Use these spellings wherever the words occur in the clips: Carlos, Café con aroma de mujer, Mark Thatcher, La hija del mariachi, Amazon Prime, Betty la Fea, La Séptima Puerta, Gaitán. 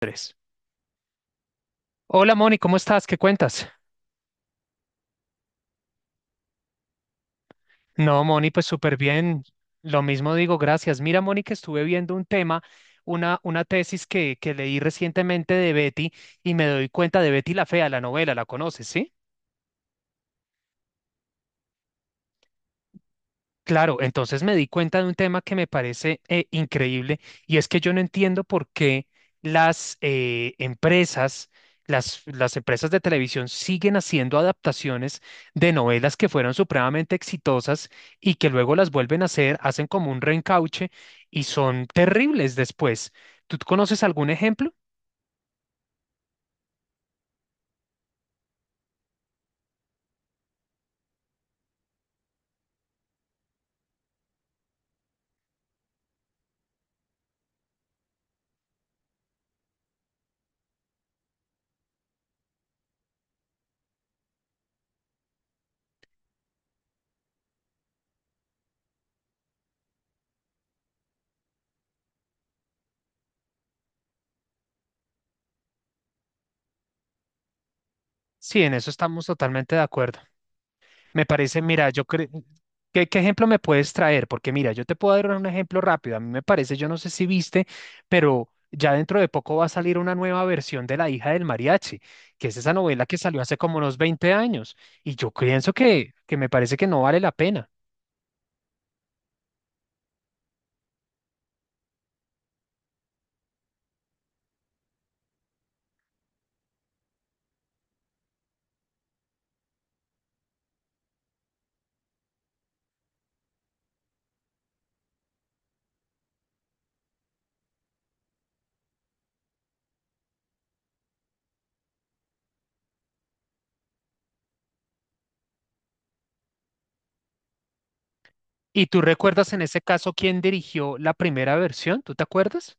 Tres. Hola Moni, ¿cómo estás? ¿Qué cuentas? No, Moni, pues súper bien. Lo mismo digo, gracias. Mira, Moni, que estuve viendo un tema, una tesis que leí recientemente de Betty y me doy cuenta de Betty la Fea, la novela, ¿la conoces, sí? Claro, entonces me di cuenta de un tema que me parece increíble y es que yo no entiendo por qué las empresas, las empresas de televisión siguen haciendo adaptaciones de novelas que fueron supremamente exitosas y que luego las vuelven a hacer, hacen como un reencauche y son terribles después. ¿Tú conoces algún ejemplo? Sí, en eso estamos totalmente de acuerdo. Me parece, mira, yo creo, ¿qué ejemplo me puedes traer? Porque mira, yo te puedo dar un ejemplo rápido. A mí me parece, yo no sé si viste, pero ya dentro de poco va a salir una nueva versión de La hija del mariachi, que es esa novela que salió hace como unos 20 años. Y yo pienso que me parece que no vale la pena. ¿Y tú recuerdas en ese caso quién dirigió la primera versión? ¿Tú te acuerdas?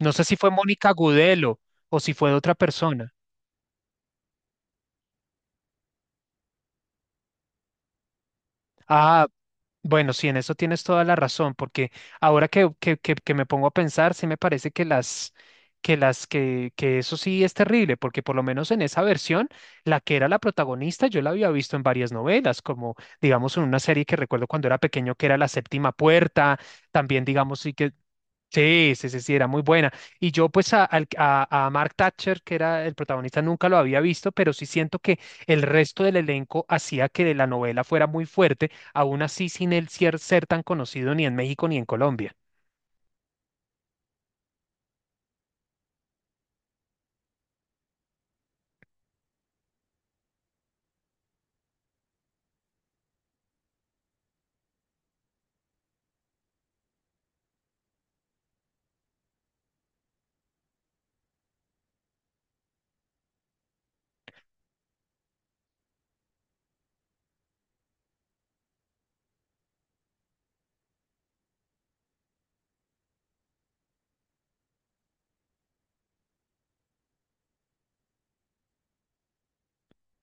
No sé si fue Mónica Gudelo o si fue de otra persona. Ah, bueno, sí, en eso tienes toda la razón, porque ahora que me pongo a pensar, sí me parece que eso sí es terrible, porque por lo menos en esa versión, la que era la protagonista, yo la había visto en varias novelas, como digamos en una serie que recuerdo cuando era pequeño que era La Séptima Puerta, también digamos Sí, sí, sí, sí, era muy buena. Y yo pues a Mark Thatcher, que era el protagonista, nunca lo había visto, pero sí siento que el resto del elenco hacía que la novela fuera muy fuerte aún así sin él ser tan conocido ni en México ni en Colombia.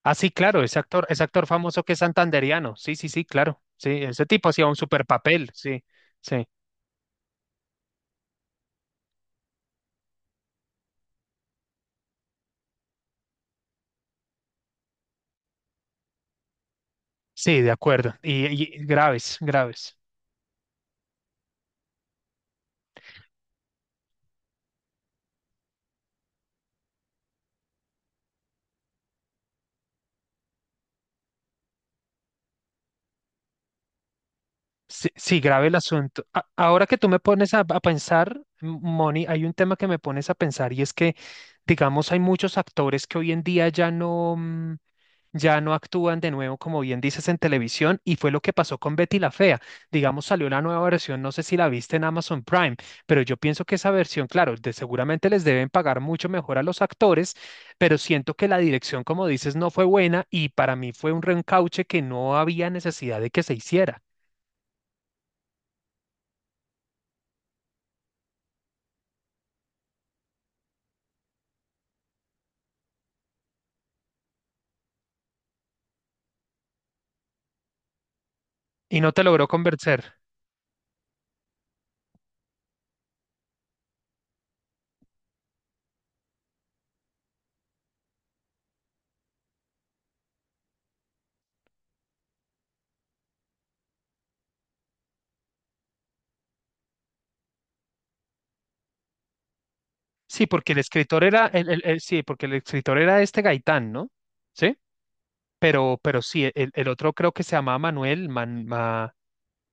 Ah, sí, claro, ese actor famoso que es santanderiano. Sí, sí, sí, claro. Sí, ese tipo hacía un super papel. Sí, sí, sí, de acuerdo. Y graves, graves. Sí, sí, grave el asunto. Ahora que tú me pones a pensar, Moni, hay un tema que me pones a pensar y es que, digamos, hay muchos actores que hoy en día ya no actúan de nuevo, como bien dices, en televisión, y fue lo que pasó con Betty la Fea. Digamos, salió la nueva versión, no sé si la viste en Amazon Prime, pero yo pienso que esa versión, claro, seguramente les deben pagar mucho mejor a los actores, pero siento que la dirección, como dices, no fue buena y para mí fue un reencauche que no había necesidad de que se hiciera y no te logró convencer. Sí, porque el escritor era, porque el escritor era este Gaitán, ¿no? Sí, pero sí, el otro creo que se llamaba Manuel,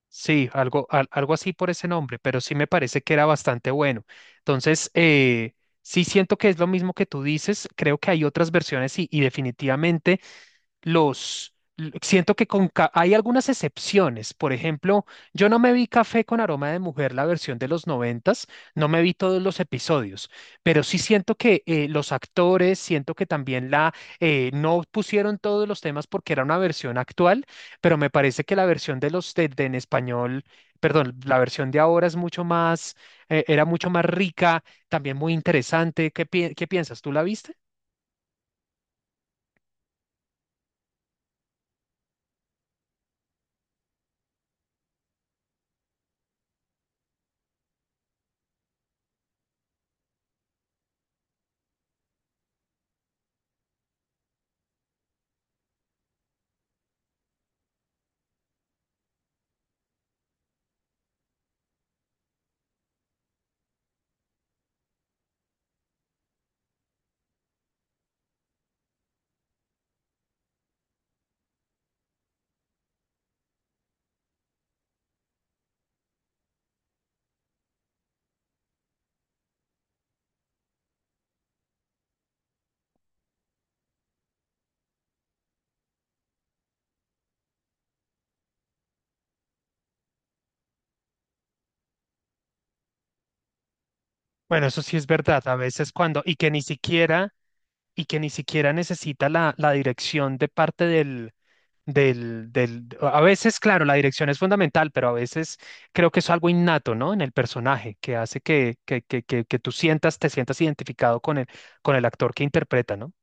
sí, algo así por ese nombre, pero sí me parece que era bastante bueno. Entonces, sí siento que es lo mismo que tú dices, creo que hay otras versiones y definitivamente siento que hay algunas excepciones. Por ejemplo, yo no me vi Café con aroma de mujer, la versión de los 90, no me vi todos los episodios, pero sí siento que los actores, siento que también la no pusieron todos los temas porque era una versión actual, pero me parece que la versión de en español, perdón, la versión de ahora es mucho más, era mucho más rica, también muy interesante. ¿Qué, qué piensas? ¿Tú la viste? Bueno, eso sí es verdad, a veces cuando, y que ni siquiera necesita la dirección de parte del, a veces, claro, la dirección es fundamental, pero a veces creo que es algo innato, ¿no? En el personaje, que hace que tú sientas, te sientas identificado con el actor que interpreta, ¿no?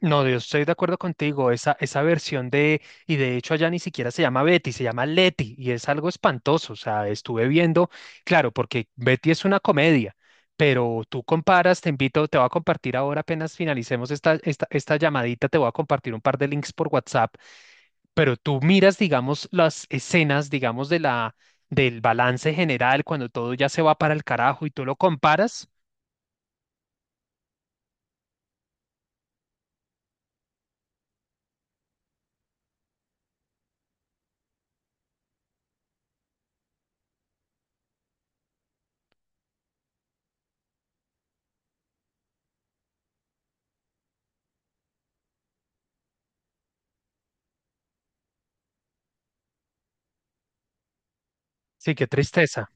No, yo estoy de acuerdo contigo. Esa versión de, y de hecho allá ni siquiera se llama Betty, se llama Letty, y es algo espantoso. O sea, estuve viendo, claro, porque Betty es una comedia, pero tú comparas, te invito, te voy a compartir ahora, apenas finalicemos esta llamadita, te voy a compartir un par de links por WhatsApp. Pero tú miras, digamos, las escenas, digamos, del balance general, cuando todo ya se va para el carajo y tú lo comparas, sí, qué tristeza.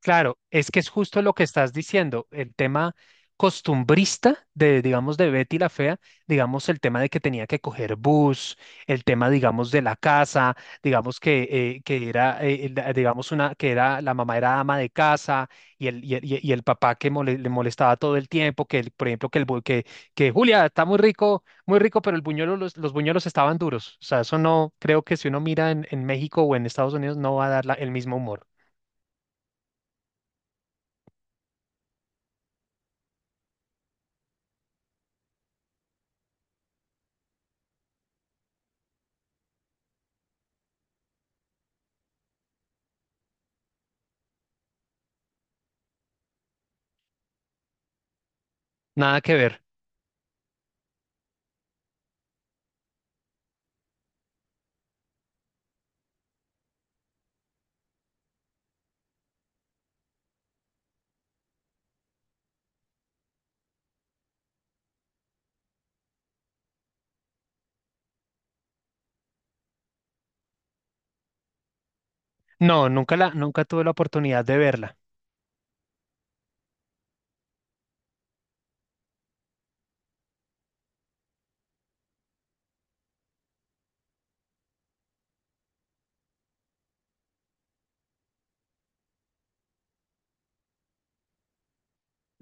Claro, es que es justo lo que estás diciendo, el tema costumbrista digamos, de Betty la Fea, digamos, el tema de que tenía que coger bus, el tema, digamos, de la casa, digamos que era, digamos, una, que era, la mamá era ama de casa y el papá que le molestaba todo el tiempo, que, por ejemplo, que, el, que Julia está muy rico, pero el buñuelo, los buñuelos estaban duros. O sea, eso no, creo que si uno mira en, México o en Estados Unidos no va a dar el mismo humor. Nada que ver. No, nunca tuve la oportunidad de verla.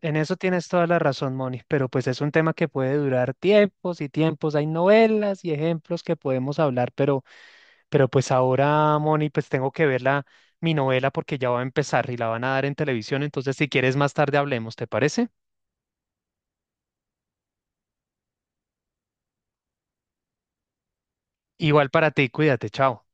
En eso tienes toda la razón, Moni, pero pues es un tema que puede durar tiempos y tiempos. Hay novelas y ejemplos que podemos hablar, pero, pues ahora, Moni, pues tengo que ver mi novela porque ya va a empezar y la van a dar en televisión. Entonces, si quieres más tarde hablemos, ¿te parece? Igual para ti, cuídate, chao.